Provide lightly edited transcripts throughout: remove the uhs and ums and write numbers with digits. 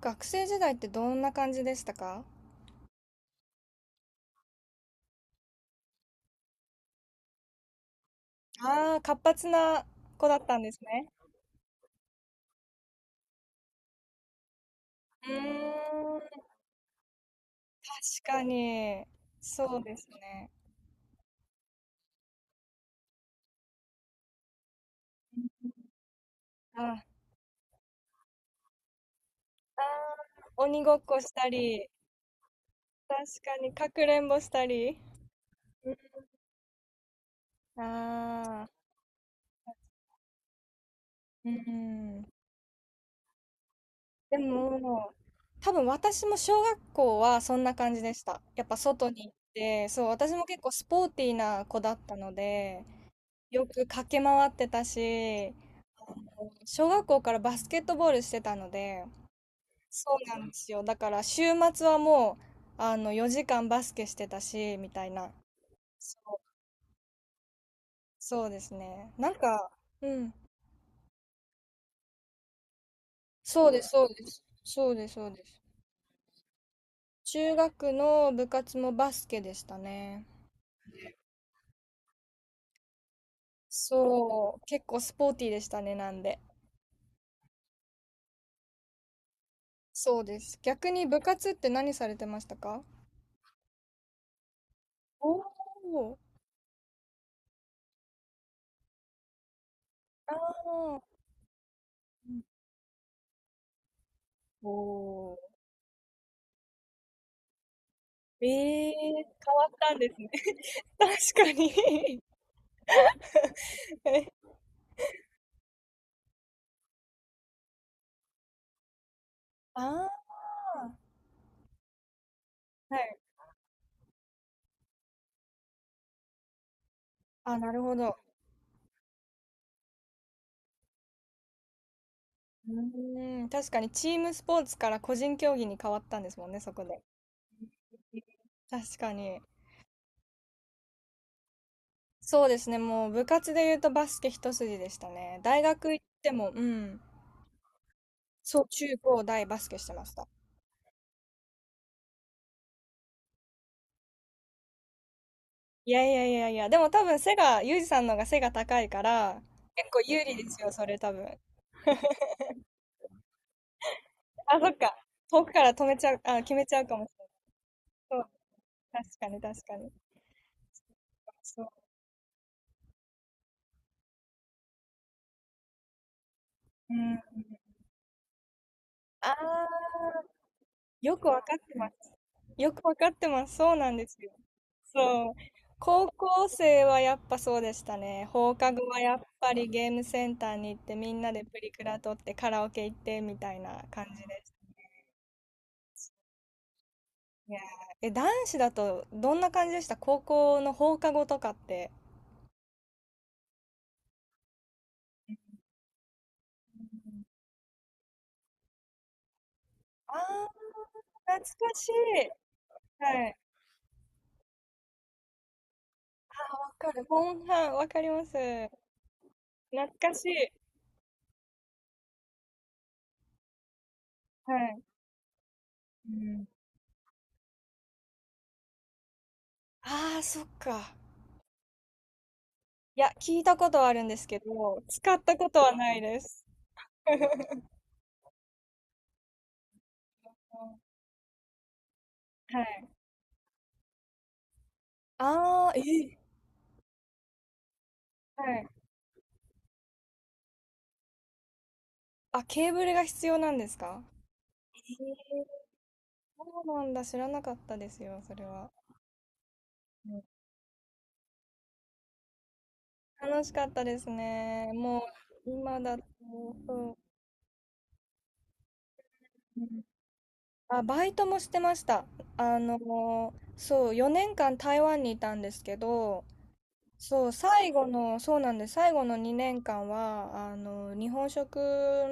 学生時代ってどんな感じでしたか？ああー、活発な子だったんですね。うーん、確かに。そうですね。あ、あー、鬼ごっこしたり、確かにかくれんぼしたり。ああ、うん。でも、多分私も小学校はそんな感じでした。やっぱ外に行って、そう、私も結構スポーティーな子だったので、よく駆け回ってたし、あ小学校からバスケットボールしてたので、そうなんですよ。だから週末はもう、4時間バスケしてたし、みたいな。そう、そうですね。なんか、うん。そうです、そうです。そうです、そうです。中学の部活もバスケでしたね。そう、結構スポーティーでしたね、なんで。そうです。逆に部活って何されてましたか？おおー、ああ、おおー。ええ、変わったんですね。確かに。ああ、はい。あ、なるほど。うーん、確かにチームスポーツから個人競技に変わったんですもんね、そこで。えー確かに。そうですね、もう部活で言うとバスケ一筋でしたね。大学行っても、うん。そう、中高大バスケしてました。いやいやいやいや、でも多分背が、ユージさんの方が背が高いから、結構有利ですよ、それ多分。あ、そっか。遠くから止めちゃう、あ、決めちゃうかもしれない。確かに確かに。そう。うん。ああ、よくわかってます。よくわかってます。そうなんですよ。そう。高校生はやっぱそうでしたね。放課後はやっぱりゲームセンターに行ってみんなでプリクラ撮ってカラオケ行ってみたいな感じです。いやー、え、男子だとどんな感じでした高校の放課後とかって？ああー懐かしい。はい。あ、わかる。モンハン、わかります。懐かしい。はい。うん。ああ、そっか。いや、聞いたことはあるんですけど、使ったことはないです。はい。ああ、えー、はい。あ、ケーブルが必要なんですか？えー、そうなんだ。知らなかったですよ、それは。うん、楽しかったですね。もう、今だと、そう。うん、あ、バイトもしてました。そう、4年間台湾にいたんですけど、そう、最後の、そうなんです。最後の2年間は、日本食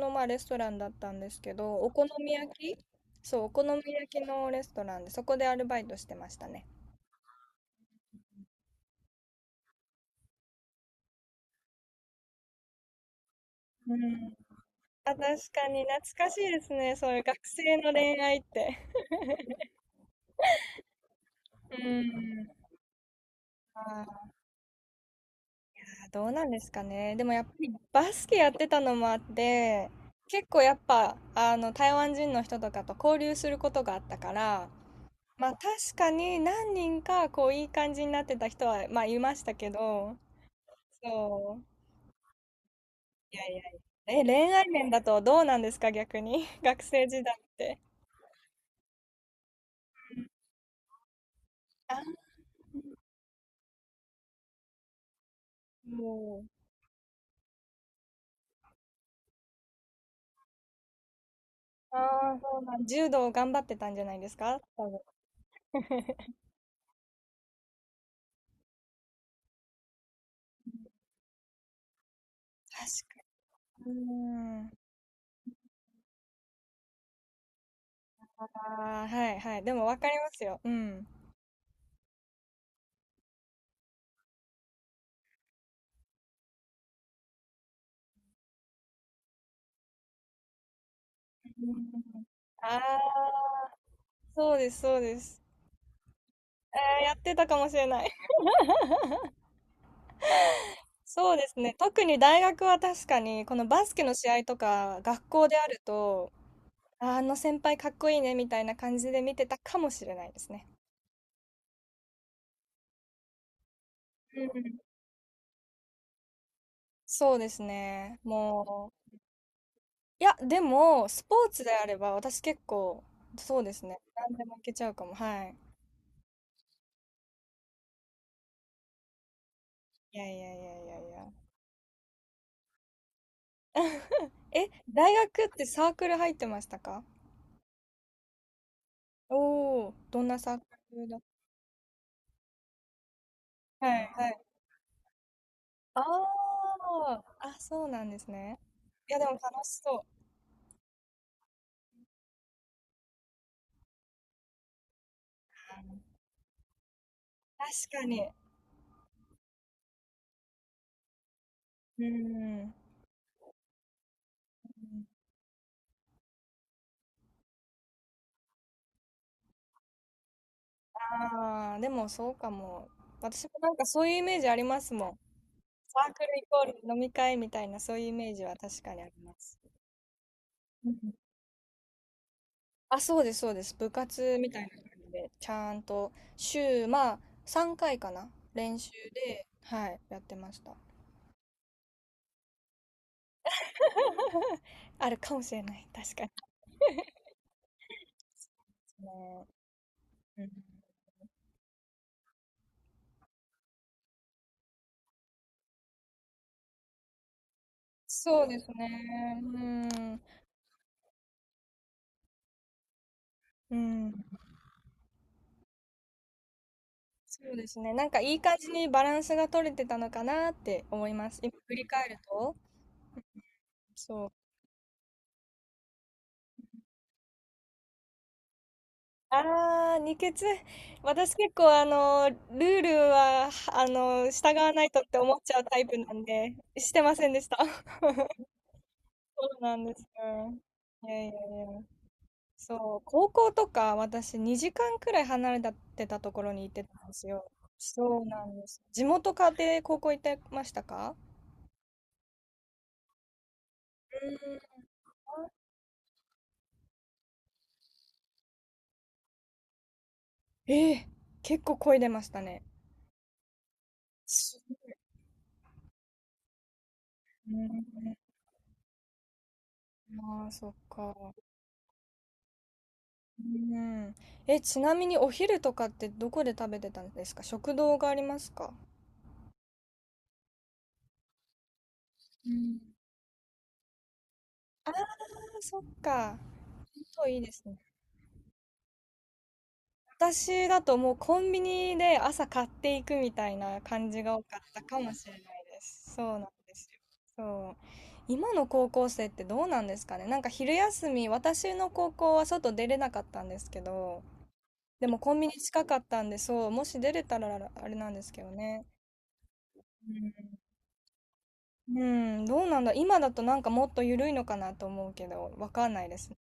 の、まあ、レストランだったんですけど、お好み焼き、そう、お好み焼きのレストランで、そこでアルバイトしてましたね。うん。あ、確かに懐かしいですね。そういう学生の恋愛って。うん。あー、どうなんですかね。でもやっぱりバスケやってたのもあって、結構やっぱ、あの、台湾人の人とかと交流することがあったから、まあ確かに何人かこういい感じになってた人はまあいましたけど、そう。いやいやいや。え、恋愛面だとどうなんですか逆に？学生時代って。あ、もう。ああ、そうなん。柔道を頑張ってたんじゃないですか多分。確かに。うん。ああ、はいはい。でもわかりますよ。うん。うん、ああ、そうです、そうです。やってたかもしれない。そうですね。特に大学は確かに、このバスケの試合とか、学校であると、ああの先輩かっこいいねみたいな感じで見てたかもしれないですね。うん、そうですね。もう、いや、でも、スポーツであれば、私結構、そうですね。何でもいけちゃうかも。はい。いやいやいやいやいや。え、大学ってサークル入ってましたか？おおー、どんなサークルだ？はいはい。ああ、あ、そうなんですね。いや、でも楽しそう。確かに。うん。ああ、でもそうかも。私もなんかそういうイメージありますもん。サークルイコール飲み会みたいな、そういうイメージは確かにあります。うんうん、あ、そうです、そうです。部活みたいな感じで、ちゃんと週、まあ、3回かいかな。練習で、はい、やってました。あるかもしれない。確かに。ね、うん、そうですね。うん。うん。そうですね。なんかいい感じにバランスが取れてたのかなって思います。今振り返ると。そう。ああ、二血。私結構ルールは、従わないとって思っちゃうタイプなんで、してませんでした。そうなんですよ。いやいやいや。そう、高校とか私2時間くらい離れてたところに行ってたんですよ。そうなんです。地元家庭高校行ってましたか？うーん。ええ、結構漕いでましたね。そうね。ああ、そっか。うん。え、ちなみにお昼とかってどこで食べてたんですか、食堂がありますか？うん。ああ、そっか。そういいですね。私だともうコンビニで朝買っていくみたいな感じが多かったかもしれないです。そうなんですよ。そう。今の高校生ってどうなんですかね。なんか昼休み、私の高校は外出れなかったんですけど、でもコンビニ近かったんで、そう、もし出れたらあれなんですけどね。うん、うん、どうなんだ。今だとなんかもっと緩いのかなと思うけど、わかんないですね。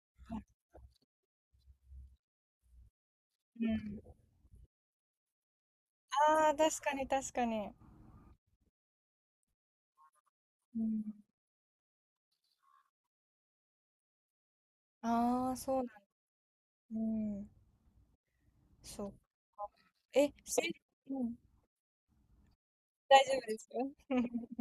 うん。ああ、確かに確かに。うん。ああ、そうなんだ。うん。そう。え、うん。大丈夫ですよ。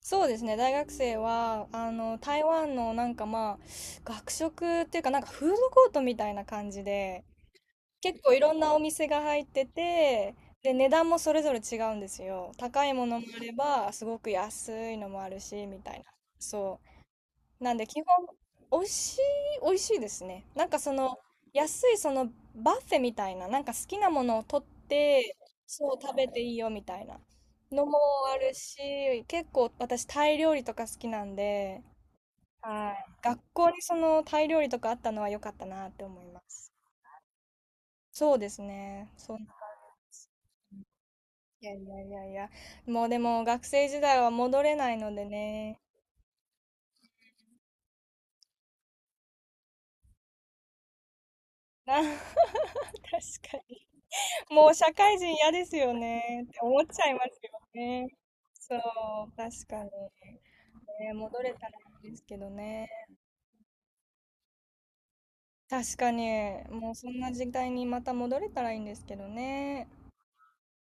そうですね、大学生は、あの、台湾のなんかまあ、学食っていうかなんかフードコートみたいな感じで、結構いろんなお店が入ってて、で、値段もそれぞれ違うんですよ。高いものもあれば、すごく安いのもあるし、みたいな。そう。なんで、基本、美味しい、美味しいですね。なんかその、安いそのバッフェみたいな、なんか好きなものを取って、そう、食べていいよみたいなのもあるし、結構私、タイ料理とか好きなんで、はい。学校にそのタイ料理とかあったのは良かったなって思います。そうですね。そう、いやいやいやいや、もうでも学生時代は戻れないのでね。あ、 確かに。もう社会人嫌ですよねって思っちゃいますよね。そう、確かに。ね、戻れたらいいんですけどね。確かに、もうそんな時代にまた戻れたらいいんですけどね。